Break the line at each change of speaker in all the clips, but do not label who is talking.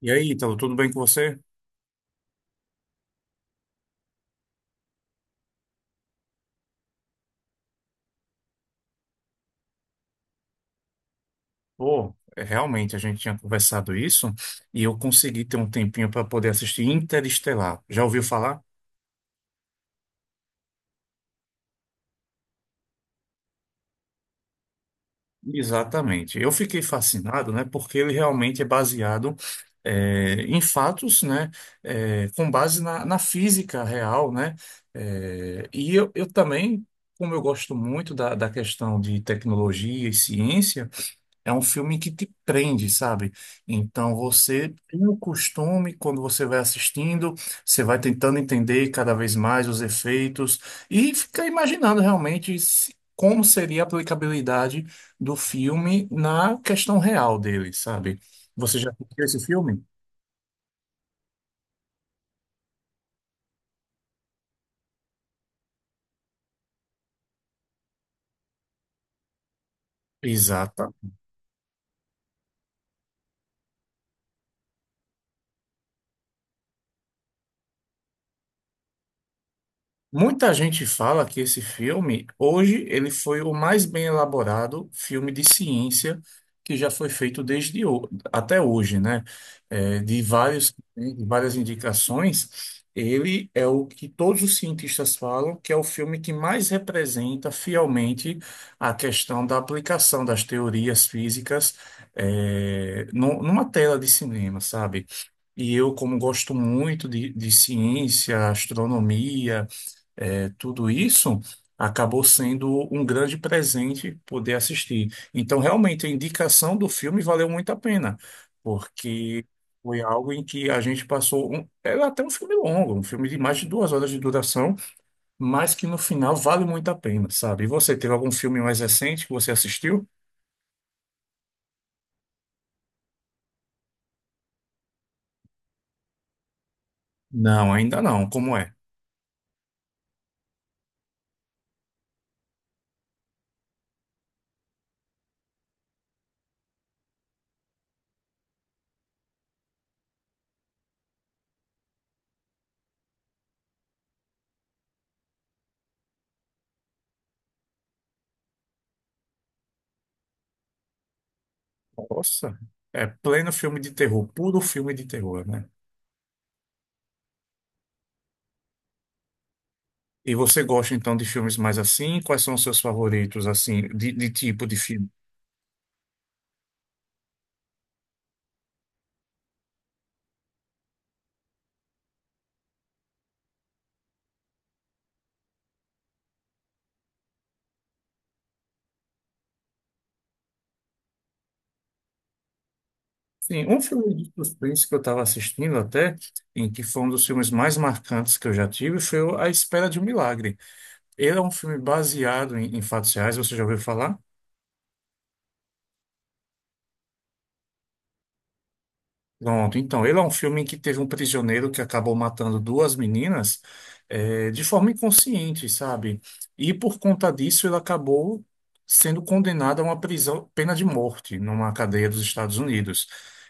E aí, Ítalo, tudo bem com você? Pô, realmente a gente tinha conversado isso e eu consegui ter um tempinho para poder assistir Interestelar. Já ouviu falar? Exatamente. Eu fiquei fascinado, né? Porque ele realmente é baseado em fatos, né? Com base na física real, né? E eu também, como eu gosto muito da questão de tecnologia e ciência. É um filme que te prende, sabe? Então você tem o costume: quando você vai assistindo, você vai tentando entender cada vez mais os efeitos e fica imaginando realmente como seria a aplicabilidade do filme na questão real dele, sabe? Você já assistiu esse filme? Exatamente. Muita gente fala que esse filme, hoje, ele foi o mais bem elaborado filme de ciência que já foi feito até hoje, né? De vários, né, de várias indicações, ele é o que todos os cientistas falam que é o filme que mais representa fielmente a questão da aplicação das teorias físicas, numa tela de cinema, sabe? E eu, como gosto muito de ciência, astronomia, tudo isso acabou sendo um grande presente poder assistir. Então, realmente, a indicação do filme valeu muito a pena, porque foi algo em que a gente passou. Era até um filme longo, um filme de mais de 2 horas de duração, mas que no final vale muito a pena, sabe? E você, teve algum filme mais recente que você assistiu? Não, ainda não. Como é? Nossa, é pleno filme de terror, puro filme de terror, né? E você gosta então de filmes mais assim? Quais são os seus favoritos, assim, de tipo de filme? Sim, um filme de suspense que eu estava assistindo até, em que foi um dos filmes mais marcantes que eu já tive, foi o A Espera de um Milagre. Ele é um filme baseado em, em fatos reais, você já ouviu falar? Pronto, então, ele é um filme em que teve um prisioneiro que acabou matando duas meninas, de forma inconsciente, sabe? E por conta disso ele acabou sendo condenado a uma prisão, pena de morte, numa cadeia dos Estados Unidos.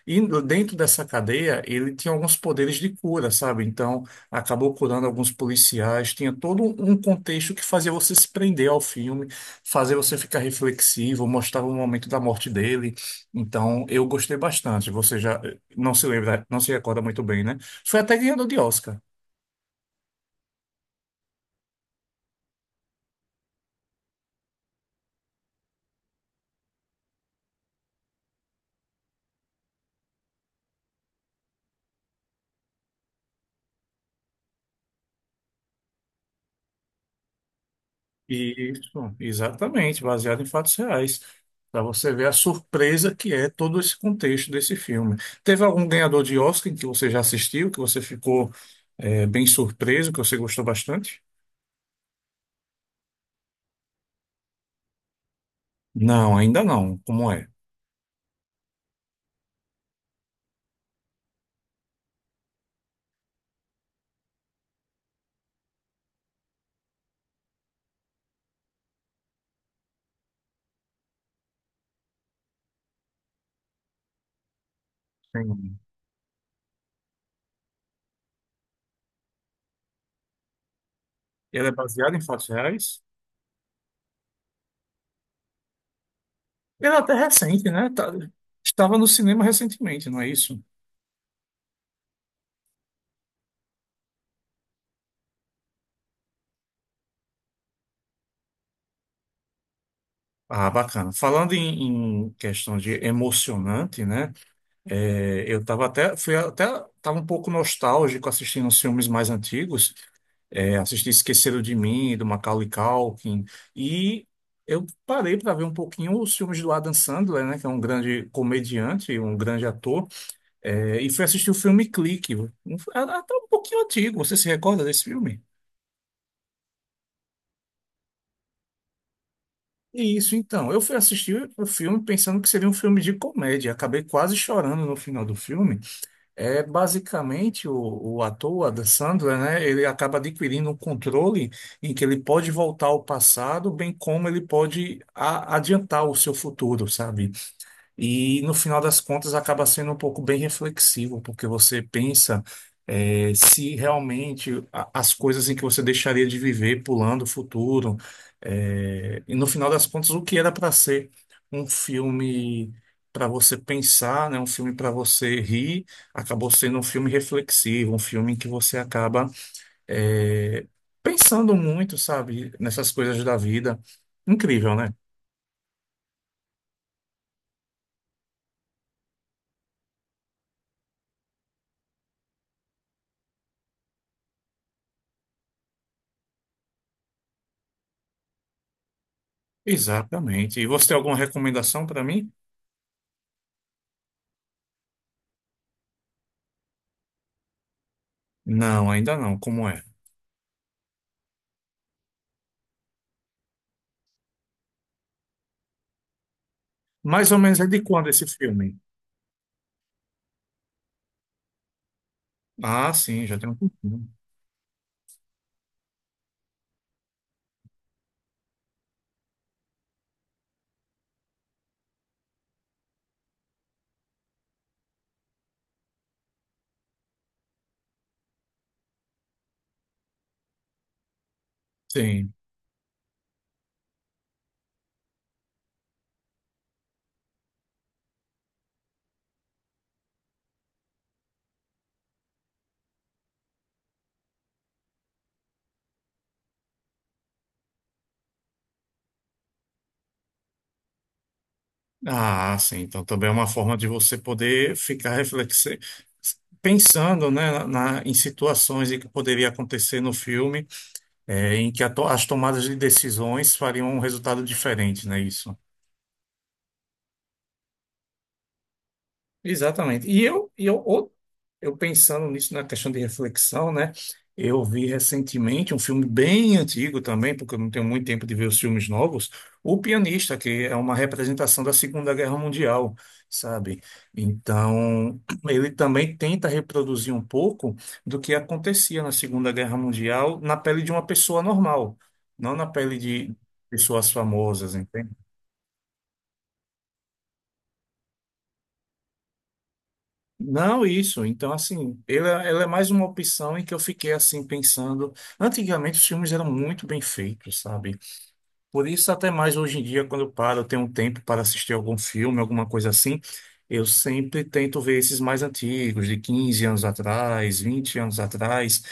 E dentro dessa cadeia ele tinha alguns poderes de cura, sabe? Então, acabou curando alguns policiais, tinha todo um contexto que fazia você se prender ao filme, fazer você ficar reflexivo, mostrava o momento da morte dele. Então, eu gostei bastante. Você já não se lembra, não se recorda muito bem, né? Foi até ganhador de Oscar. Isso, exatamente, baseado em fatos reais. Para você ver a surpresa que é todo esse contexto desse filme. Teve algum ganhador de Oscar que você já assistiu, que você ficou bem surpreso, que você gostou bastante? Não, ainda não. Como é? Sim. Ele é baseado em fatos reais? Ele é até recente, né? Estava no cinema recentemente, não é isso? Ah, bacana. Falando em, em questão de emocionante, né? Eu estava até, fui até, tava um pouco nostálgico assistindo os filmes mais antigos. Assisti Esqueceram de Mim, do Macaulay Culkin, e eu parei para ver um pouquinho os filmes do Adam Sandler, né, que é um grande comediante, um grande ator. E fui assistir o filme Clique. É até um pouquinho antigo. Você se recorda desse filme? E isso, então. Eu fui assistir o filme pensando que seria um filme de comédia. Acabei quase chorando no final do filme. É basicamente o ator, o Adam Sandler, né? Ele acaba adquirindo um controle em que ele pode voltar ao passado, bem como ele pode adiantar o seu futuro, sabe? E no final das contas acaba sendo um pouco bem reflexivo, porque você pensa se realmente as coisas em que você deixaria de viver pulando o futuro, e no final das contas o que era para ser um filme para você pensar, né, um filme para você rir, acabou sendo um filme reflexivo, um filme em que você acaba eh, pensando muito, sabe, nessas coisas da vida. Incrível, né? Exatamente. E você tem alguma recomendação para mim? Não, ainda não. Como é? Mais ou menos é de quando esse filme? Ah, sim, já tem um pouquinho. Sim. Ah, sim. Então também é uma forma de você poder ficar reflexi pensando, né, na, em situações em que poderia acontecer no filme, é, em que as tomadas de decisões fariam um resultado diferente, né? Isso. Exatamente. Eu pensando nisso na questão de reflexão, né? Eu vi recentemente um filme bem antigo também, porque eu não tenho muito tempo de ver os filmes novos: O Pianista, que é uma representação da Segunda Guerra Mundial, sabe? Então, ele também tenta reproduzir um pouco do que acontecia na Segunda Guerra Mundial na pele de uma pessoa normal, não na pele de pessoas famosas, entende? Não, isso. Então, assim, ela é mais uma opção em que eu fiquei assim pensando. Antigamente os filmes eram muito bem feitos, sabe? Por isso, até mais hoje em dia, quando eu paro, eu tenho um tempo para assistir algum filme, alguma coisa assim, eu sempre tento ver esses mais antigos, de 15 anos atrás, 20 anos atrás,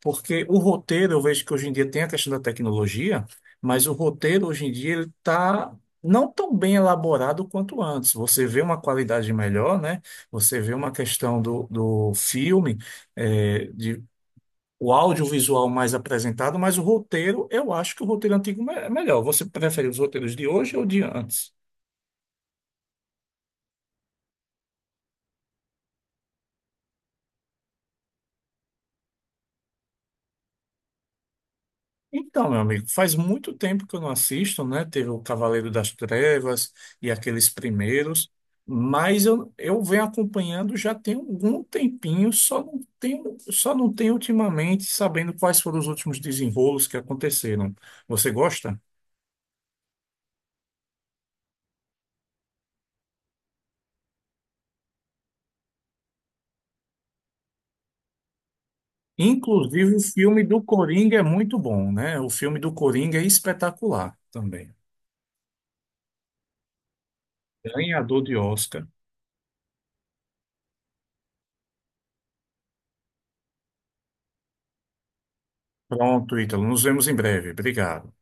porque o roteiro, eu vejo que hoje em dia tem a questão da tecnologia, mas o roteiro hoje em dia ele está não tão bem elaborado quanto antes. Você vê uma qualidade melhor, né? Você vê uma questão do filme, o audiovisual mais apresentado, mas o roteiro, eu acho que o roteiro antigo é melhor. Você prefere os roteiros de hoje ou de antes? Então, meu amigo, faz muito tempo que eu não assisto, né? Teve o Cavaleiro das Trevas e aqueles primeiros, mas eu venho acompanhando já tem algum tempinho, só não tenho ultimamente sabendo quais foram os últimos desenrolos que aconteceram. Você gosta? Inclusive, o filme do Coringa é muito bom, né? O filme do Coringa é espetacular também. Ganhador de Oscar. Pronto, Ítalo. Nos vemos em breve. Obrigado.